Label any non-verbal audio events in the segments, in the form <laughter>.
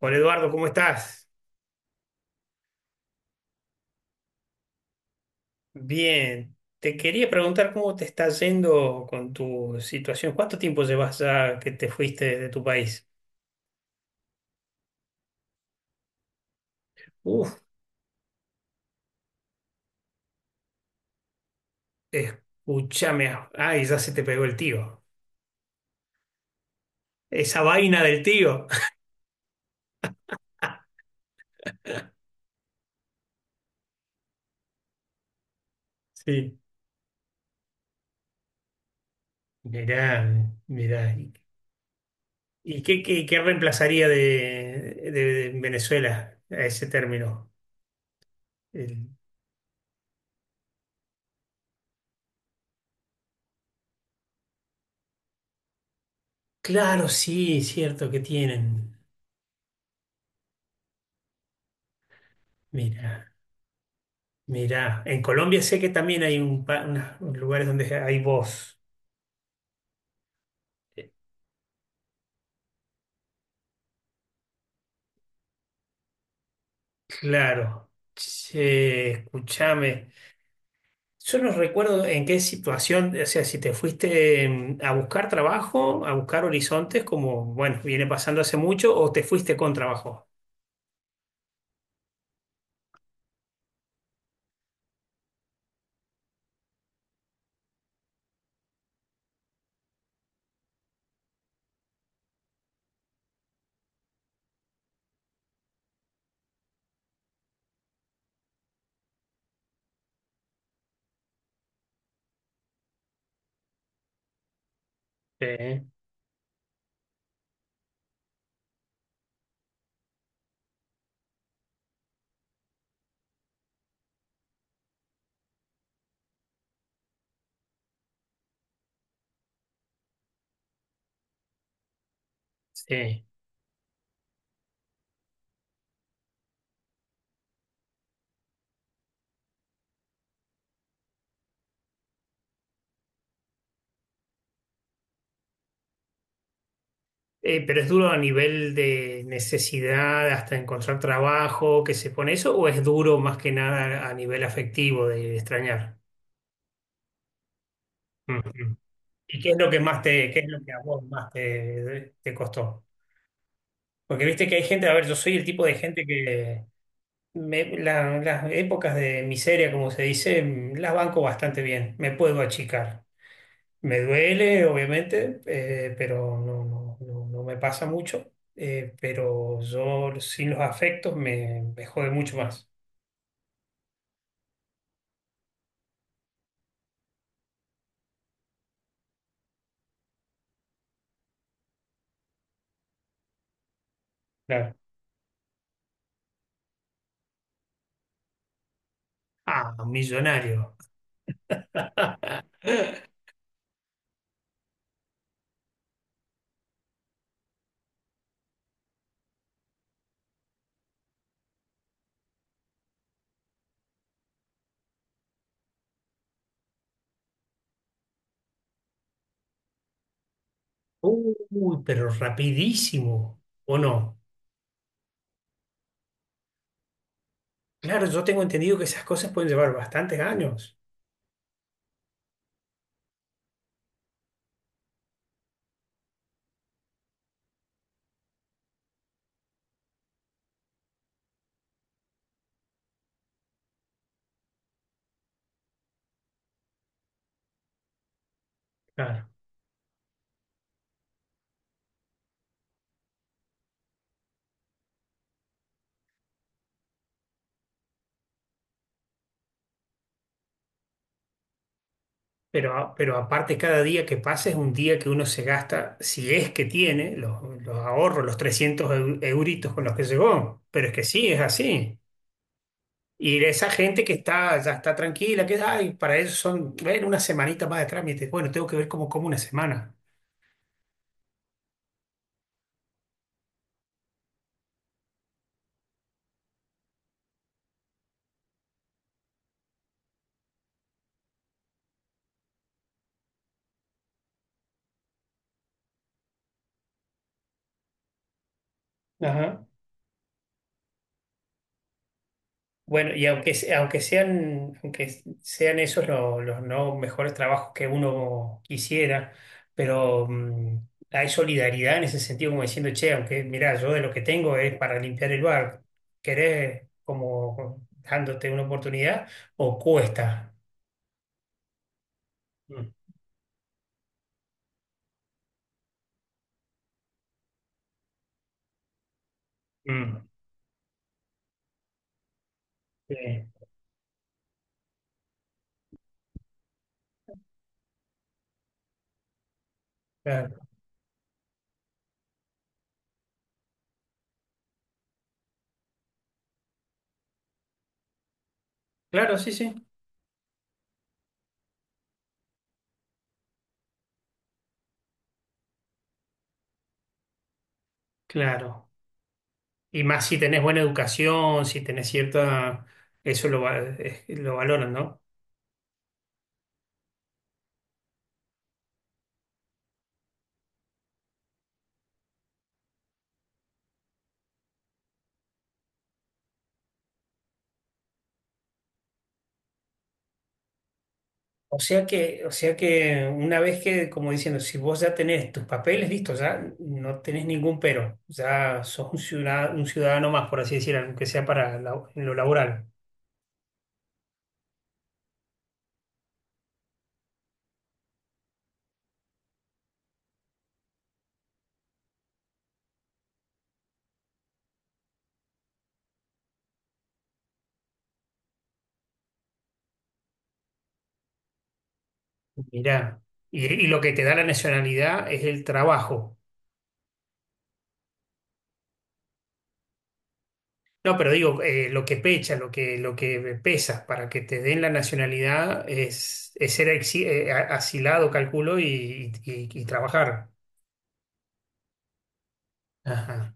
Hola Eduardo, ¿cómo estás? Bien, te quería preguntar cómo te está yendo con tu situación. ¿Cuánto tiempo llevas ya que te fuiste de tu país? Uf, escúchame. Ay, ya se te pegó el tío. Esa vaina del tío. <laughs> Sí. Mirá, mirá. ¿Y qué reemplazaría de Venezuela a ese término? El- Claro, sí, cierto que tienen. Mira. Mirá, en Colombia sé que también hay un pa- unas- lugares donde hay voz. Eh, Claro. Che, escúchame. Yo no recuerdo en qué situación, o sea, si te fuiste a buscar trabajo, a buscar horizontes, como, bueno, viene pasando hace mucho, o te fuiste con trabajo. Sí, sí. Pero es duro a nivel de necesidad hasta encontrar trabajo, que se pone eso, o es duro más que nada a nivel afectivo de extrañar. ¿Y qué es lo que más te, qué es lo que a vos más te, te costó? Porque viste que hay gente, a ver, yo soy el tipo de gente que me- la- las épocas de miseria, como se dice, las banco bastante bien, me puedo achicar. Me duele, obviamente, pero no, no, no, no me pasa mucho, pero yo sin los afectos me, me jode mucho más. Claro. Ah, millonario. <laughs> Uy, pero rapidísimo, ¿o no? Claro, yo tengo entendido que esas cosas pueden llevar bastantes años. Claro. Pero, a- pero aparte, cada día que pasa es un día que uno se gasta, si es que tiene, los ahorros, los 300 eu- euritos con los que llegó. Pero es que sí, es así. Y esa gente que está, ya está tranquila, que ay, para eso son, bueno, una semanita más de trámite. Bueno, tengo que ver cómo como una semana. Ajá. Bueno, y aunque, se- aunque sean esos lo- los, no mejores trabajos que uno quisiera, pero hay solidaridad en ese sentido, como diciendo, che, aunque mirá, yo de lo que tengo es para limpiar el bar, ¿querés como dándote una oportunidad o cuesta? Mm, mm, sí, claro. Claro, sí, sí, claro. Y más si tenés buena educación, si tenés cierta, eso lo, va- lo valoran, ¿no? O sea que una vez que, como diciendo, si vos ya tenés tus papeles listos, ya no tenés ningún pero, ya sos un ciudadano más, por así decirlo, aunque sea para la- en lo laboral. Mirá. Y lo que te da la nacionalidad es el trabajo. No, pero digo, lo que pecha, lo que pesa para que te den la nacionalidad es ser exi- a- asilado, calculo, y trabajar. Ajá.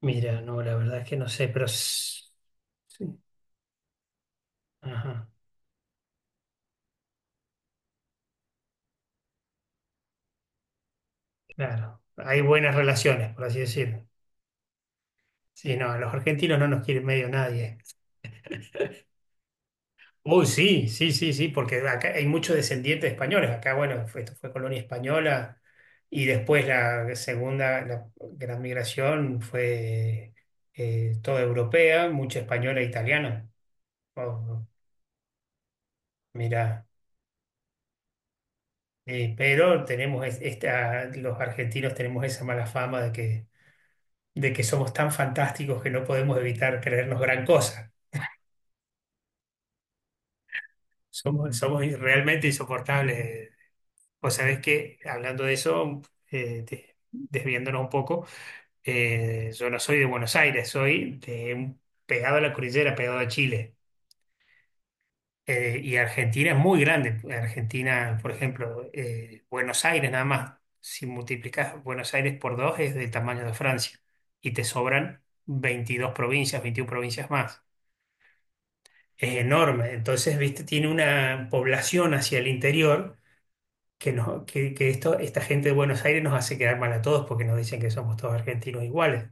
Mira, no, la verdad es que no sé, pero... s- Sí. Ajá. Claro, hay buenas relaciones, por así decirlo. Sí, no, a los argentinos no nos quiere medio nadie. Uy, sí, sí, sí, sí, porque acá hay muchos descendientes de españoles. Acá, bueno, fue- esto fue colonia española y después la segunda, la gran migración fue toda europea, mucha española e italiana. Oh, mirá. Pero tenemos es- esta, los argentinos tenemos esa mala fama de que somos tan fantásticos que no podemos evitar creernos gran cosa. Somos, somos realmente insoportables. Vos sabés que, hablando de eso, de- desviándonos un poco, yo no soy de Buenos Aires, soy de un- pegado a la cordillera, pegado a Chile. Y Argentina es muy grande. Argentina, por ejemplo, Buenos Aires nada más, si multiplicas Buenos Aires por dos es del tamaño de Francia y te sobran 22 provincias, 21 provincias más. Es enorme. Entonces, viste, tiene una población hacia el interior que, nos- que esto, esta gente de Buenos Aires nos hace quedar mal a todos porque nos dicen que somos todos argentinos iguales.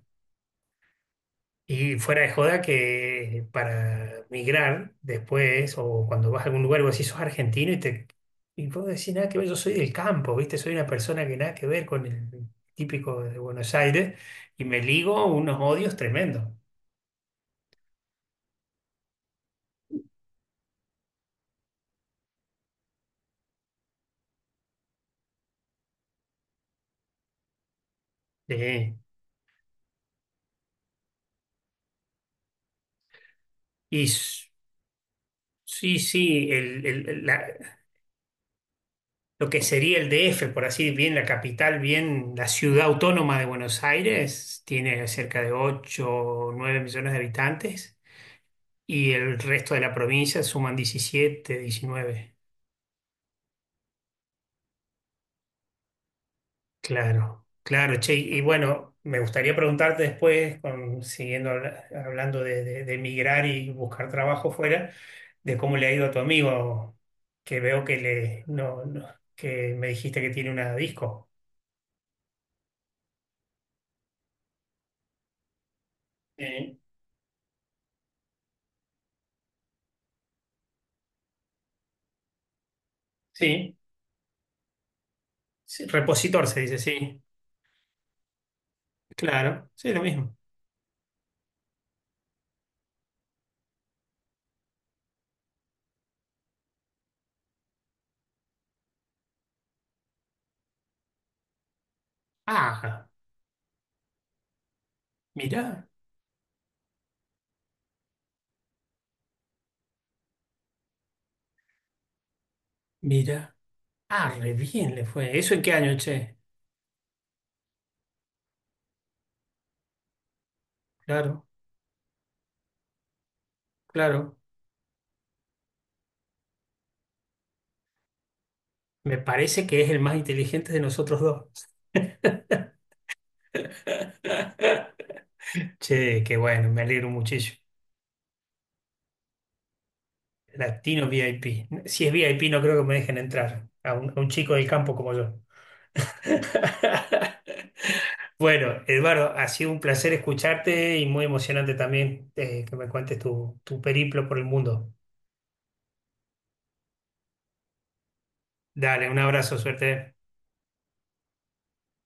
Y fuera de joda que para migrar después o cuando vas a algún lugar, vos decís, sos argentino y te... Y vos decís, nada que ver, yo soy del campo, ¿viste? Soy una persona que nada que ver con el típico de Buenos Aires y me ligo unos odios tremendos. Sí. Y s- sí, sí, el- la- lo que sería el DF, por así bien la capital, bien la ciudad autónoma de Buenos Aires, tiene cerca de 8 o 9 millones de habitantes y el resto de la provincia suman 17 diecinueve. Claro, claro, che. Y bueno, me gustaría preguntarte después, con- siguiendo habla- hablando de emigrar y buscar trabajo fuera, de cómo le ha ido a tu amigo, que veo que le, no, no- que me dijiste que tiene una disco. Sí. Sí. Sí, repositor se dice, sí. Claro, sí, lo mismo. Ah, mirá, mirá. Ah, re bien le fue. ¿Eso en qué año, che? Claro, claro. Me parece que es el más inteligente de nosotros dos. <laughs> Che, qué bueno, me alegro muchísimo. Latino VIP. Si es VIP, no creo que me dejen entrar a un chico del campo como yo. <laughs> Bueno, Eduardo, ha sido un placer escucharte y muy emocionante también que me cuentes tu, tu periplo por el mundo. Dale, un abrazo, suerte.